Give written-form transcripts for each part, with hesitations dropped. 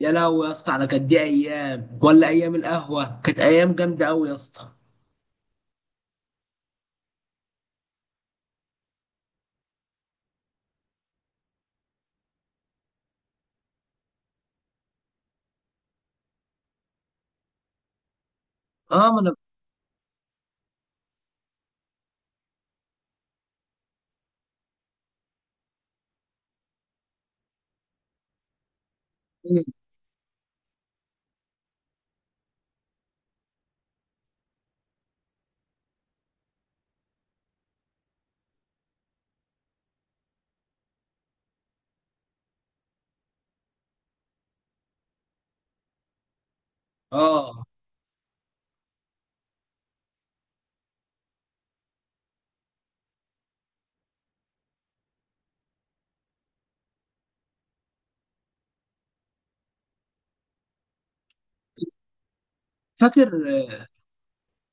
يا لهوي يا اسطى على كانت دي ايام ولا ايام القهوه، كانت ايام جامده قوي يا اسطى. اه ما انا بقول. اه فاكر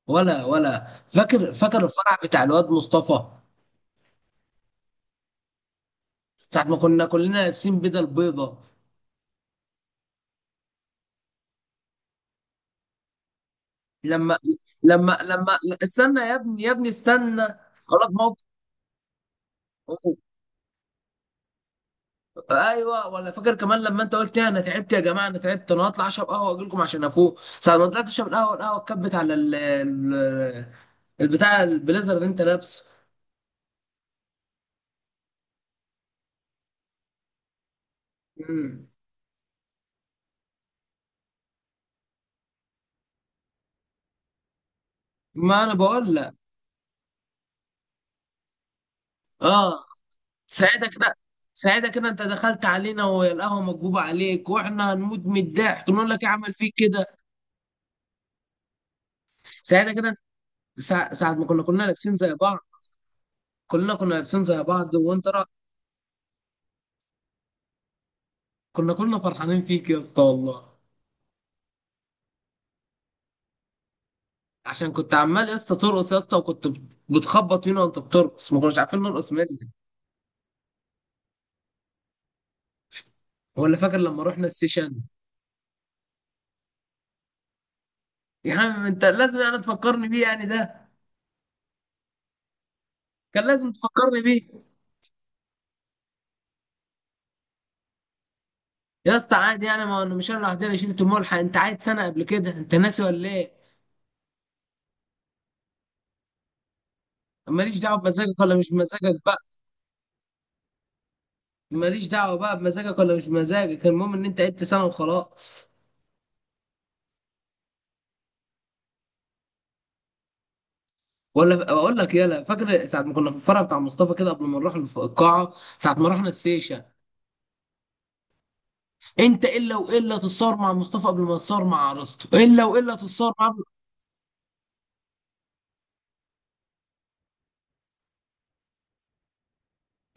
ولا فاكر فاكر الفرح بتاع الواد مصطفى ساعه ما كنا كلنا لابسين بدل بيضه. لما لما استنى يا ابني يا ابني استنى اقول لك موقف. ايوه ولا فاكر كمان لما انت قلت انا تعبت يا جماعه، انا تعبت، انا هطلع اشرب قهوه واجي لكم عشان افوق. ساعه ما طلعت اشرب القهوه، القهوه اتكبت على البتاع البليزر اللي انت لابسه. مم. ما انا بقول لك. اه ساعتها كده. ساعتها كده انت دخلت علينا والقهوه مكبوبه عليك واحنا هنموت من الضحك نقول لك ايه عمل فيك كده. ساعتها كده ساعه ما كنا لابسين زي بعض، كلنا كنا لابسين زي بعض وانت رأ... كنا كلنا فرحانين فيك يا اسطى والله. عشان كنت عمال يا اسطى ترقص يا اسطى وكنت بتخبط فينا وانت بترقص ما كناش عارفين نرقص منك. ولا فاكر لما رحنا السيشن؟ يا عم انت لازم يعني تفكرني بيه يعني ده كان لازم تفكرني بيه. يا اسطى عادي يعني، ما انا مش انا لوحدي اللي شلت الملحق، انت عايد سنه قبل كده، انت ناسي ولا ايه؟ ماليش دعوه بمزاجك ولا مش بمزاجك بقى. ماليش دعوه بقى بمزاجك ولا مش بمزاجك، المهم ان انت عدت سنه وخلاص. ولا اقول لك، يلا فاكر ساعه ما كنا في الفرع بتاع مصطفى كده قبل ما نروح القاعه، ساعه ما رحنا السيشه؟ انت الا والا تتصور مع مصطفى قبل ما تتصور مع عروسته، الا والا تتصور مع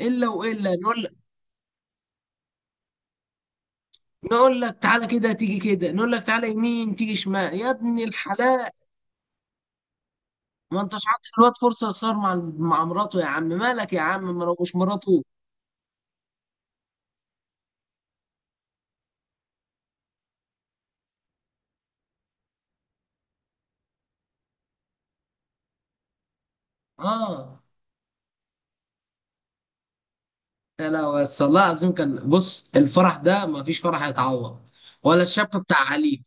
الا والا نقول، نقول لك تعالى كده تيجي كده، نقول لك تعالى يمين تيجي شمال يا ابن الحلال. ما انتش عاطي الواد فرصه يصار مع مراته يا عم، مالك يا عم، ما لو مش مراته. اه يا لا، بس والله العظيم كان، بص، الفرح ده ما فيش فرح هيتعوض. ولا الشبكه بتاع علي؟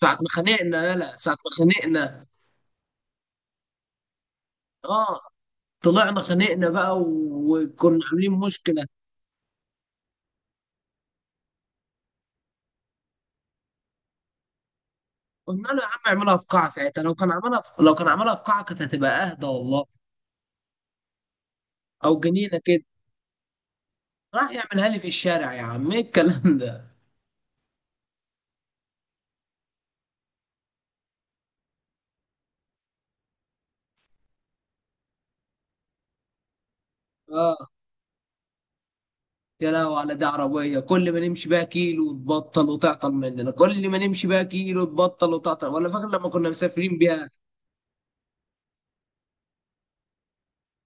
ساعه ما خانقنا، يلا ساعه ما خانقنا. اه طلعنا خانقنا بقى وكنا عاملين مشكله. قلنا له يا عم اعملها في قاعه، ساعتها لو كان عملها في... لو كان عملها في قاعه كانت هتبقى اهدى والله. او جنينه كده. راح يعملها لي في الشارع، يا عم ايه الكلام ده. اه يا لهوي على ده عربية، كل ما نمشي بقى كيلو تبطل وتعطل مننا، كل ما نمشي بقى كيلو تبطل وتعطل. ولا فاكر لما كنا مسافرين بيها؟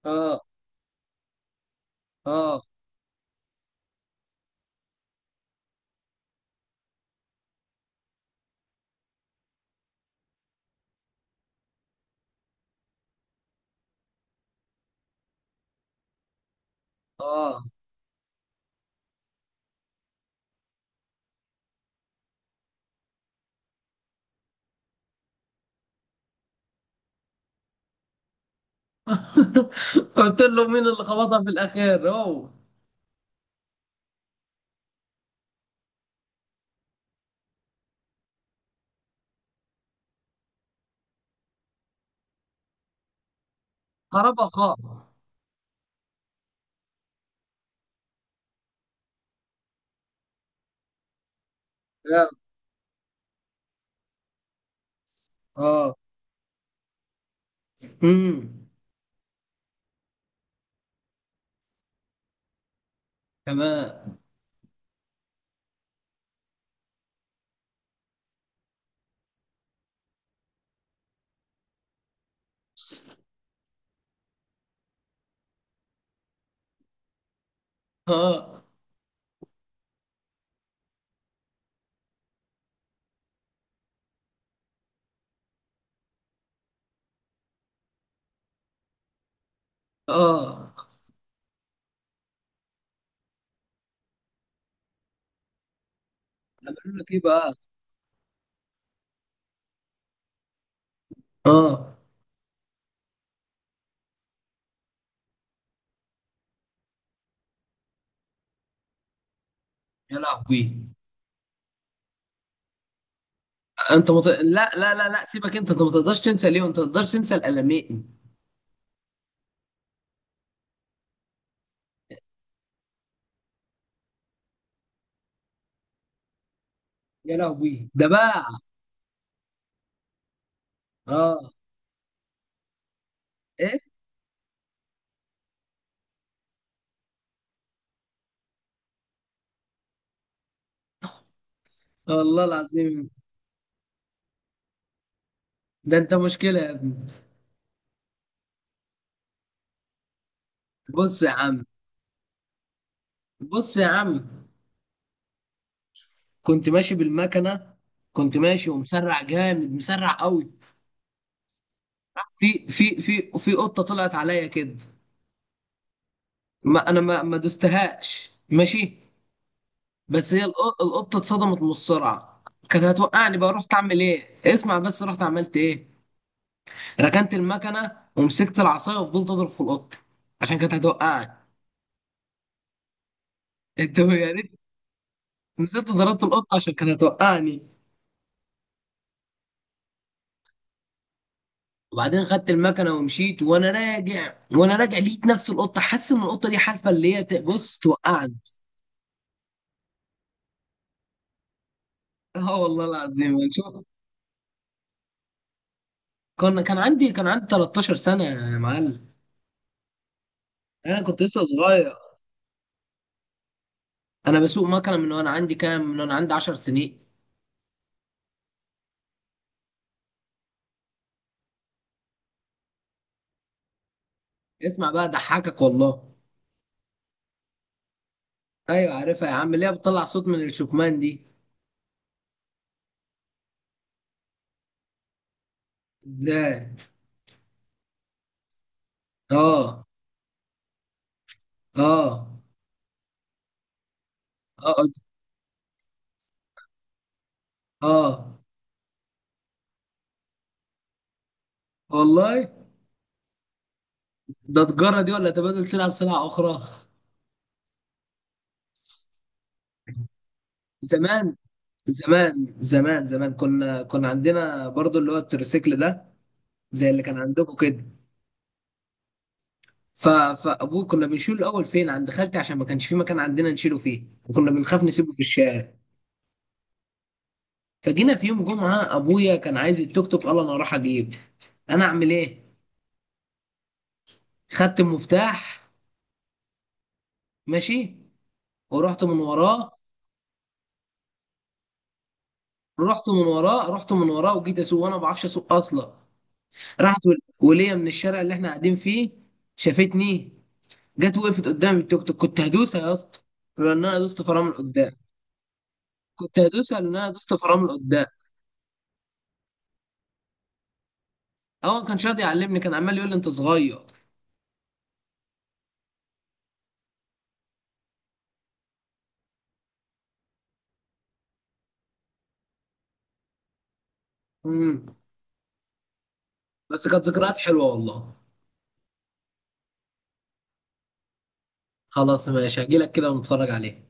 اه. اه. اه. قلت له مين اللي خبطها في الأخير؟ هو خربها، خاب. اه. اه. امم. تمام. اه. اه. عملوا لك ايه بقى؟ اه. يا لهوي. انت مت... لا لا لا لا سيبك، انت انت ما تقدرش تنسى ليه، انت ما تقدرش تنسى الالمين. يا لهوي ده بقى. اه. إيه؟ والله العظيم. ده انت مشكلة يا ابني. بص يا عم. بص يا عم كنت ماشي بالمكنة. كنت ماشي ومسرع جامد، مسرع قوي، في قطة طلعت عليا كده. ما انا ما دوستهاش ماشي، بس هي القطة اتصدمت من السرعة. كانت هتوقعني بقى، رحت اعمل ايه، اسمع بس رحت عملت ايه. ركنت المكنة ومسكت العصاية وفضلت اضرب في القطة، عشان كانت هتوقعني. انت يا ريت. نسيت، ضربت القطة عشان كانت هتوقعني. وبعدين خدت المكنه ومشيت، وانا راجع وانا راجع لقيت نفس القطه، حاسس ان القطه دي حالفه اللي هي ت- بص توقعني. اه والله العظيم شوف. كان عندي كان عندي 13 سنه يا معلم. انا كنت لسه صغير. انا بسوق مكنه من وانا عندي كام، من وانا عندي 10 سنين. اسمع بقى ضحكك والله. ايوه عارفها يا عم، اللي هي بتطلع صوت من الشكمان دي. ازاي؟ اه. اه. اه. اه. والله. ده تجاره دي ولا تبادل سلعه بسلعه اخرى؟ زمان، زمان كنا كنا عندنا برضو اللي هو التروسيكل ده، زي اللي كان عندكم كده. ف... فابوه كنا بنشيله الاول فين عند خالتي عشان ما كانش في مكان عندنا نشيله فيه، وكنا بنخاف نسيبه في الشارع. فجينا في يوم جمعه ابويا كان عايز التوك توك، قال انا هروح اجيب. انا اعمل ايه؟ خدت المفتاح، ماشي، ورحت من وراه. رحت من وراه وجيت اسوق وانا ما بعرفش اسوق اصلا. راحت ولية من الشارع اللي احنا قاعدين فيه، شافتني، جت وقفت قدام التوك توك. كنت هدوسها يا اسطى لان انا دوست فرامل قدام. كنت هدوسها لان انا دوست فرامل قدام. هو ما كانش راضي يعلمني، كان عمال يقول لي انت صغير. امم. بس كانت ذكريات حلوه والله. خلاص ماشي هجيلك كده ونتفرج عليه.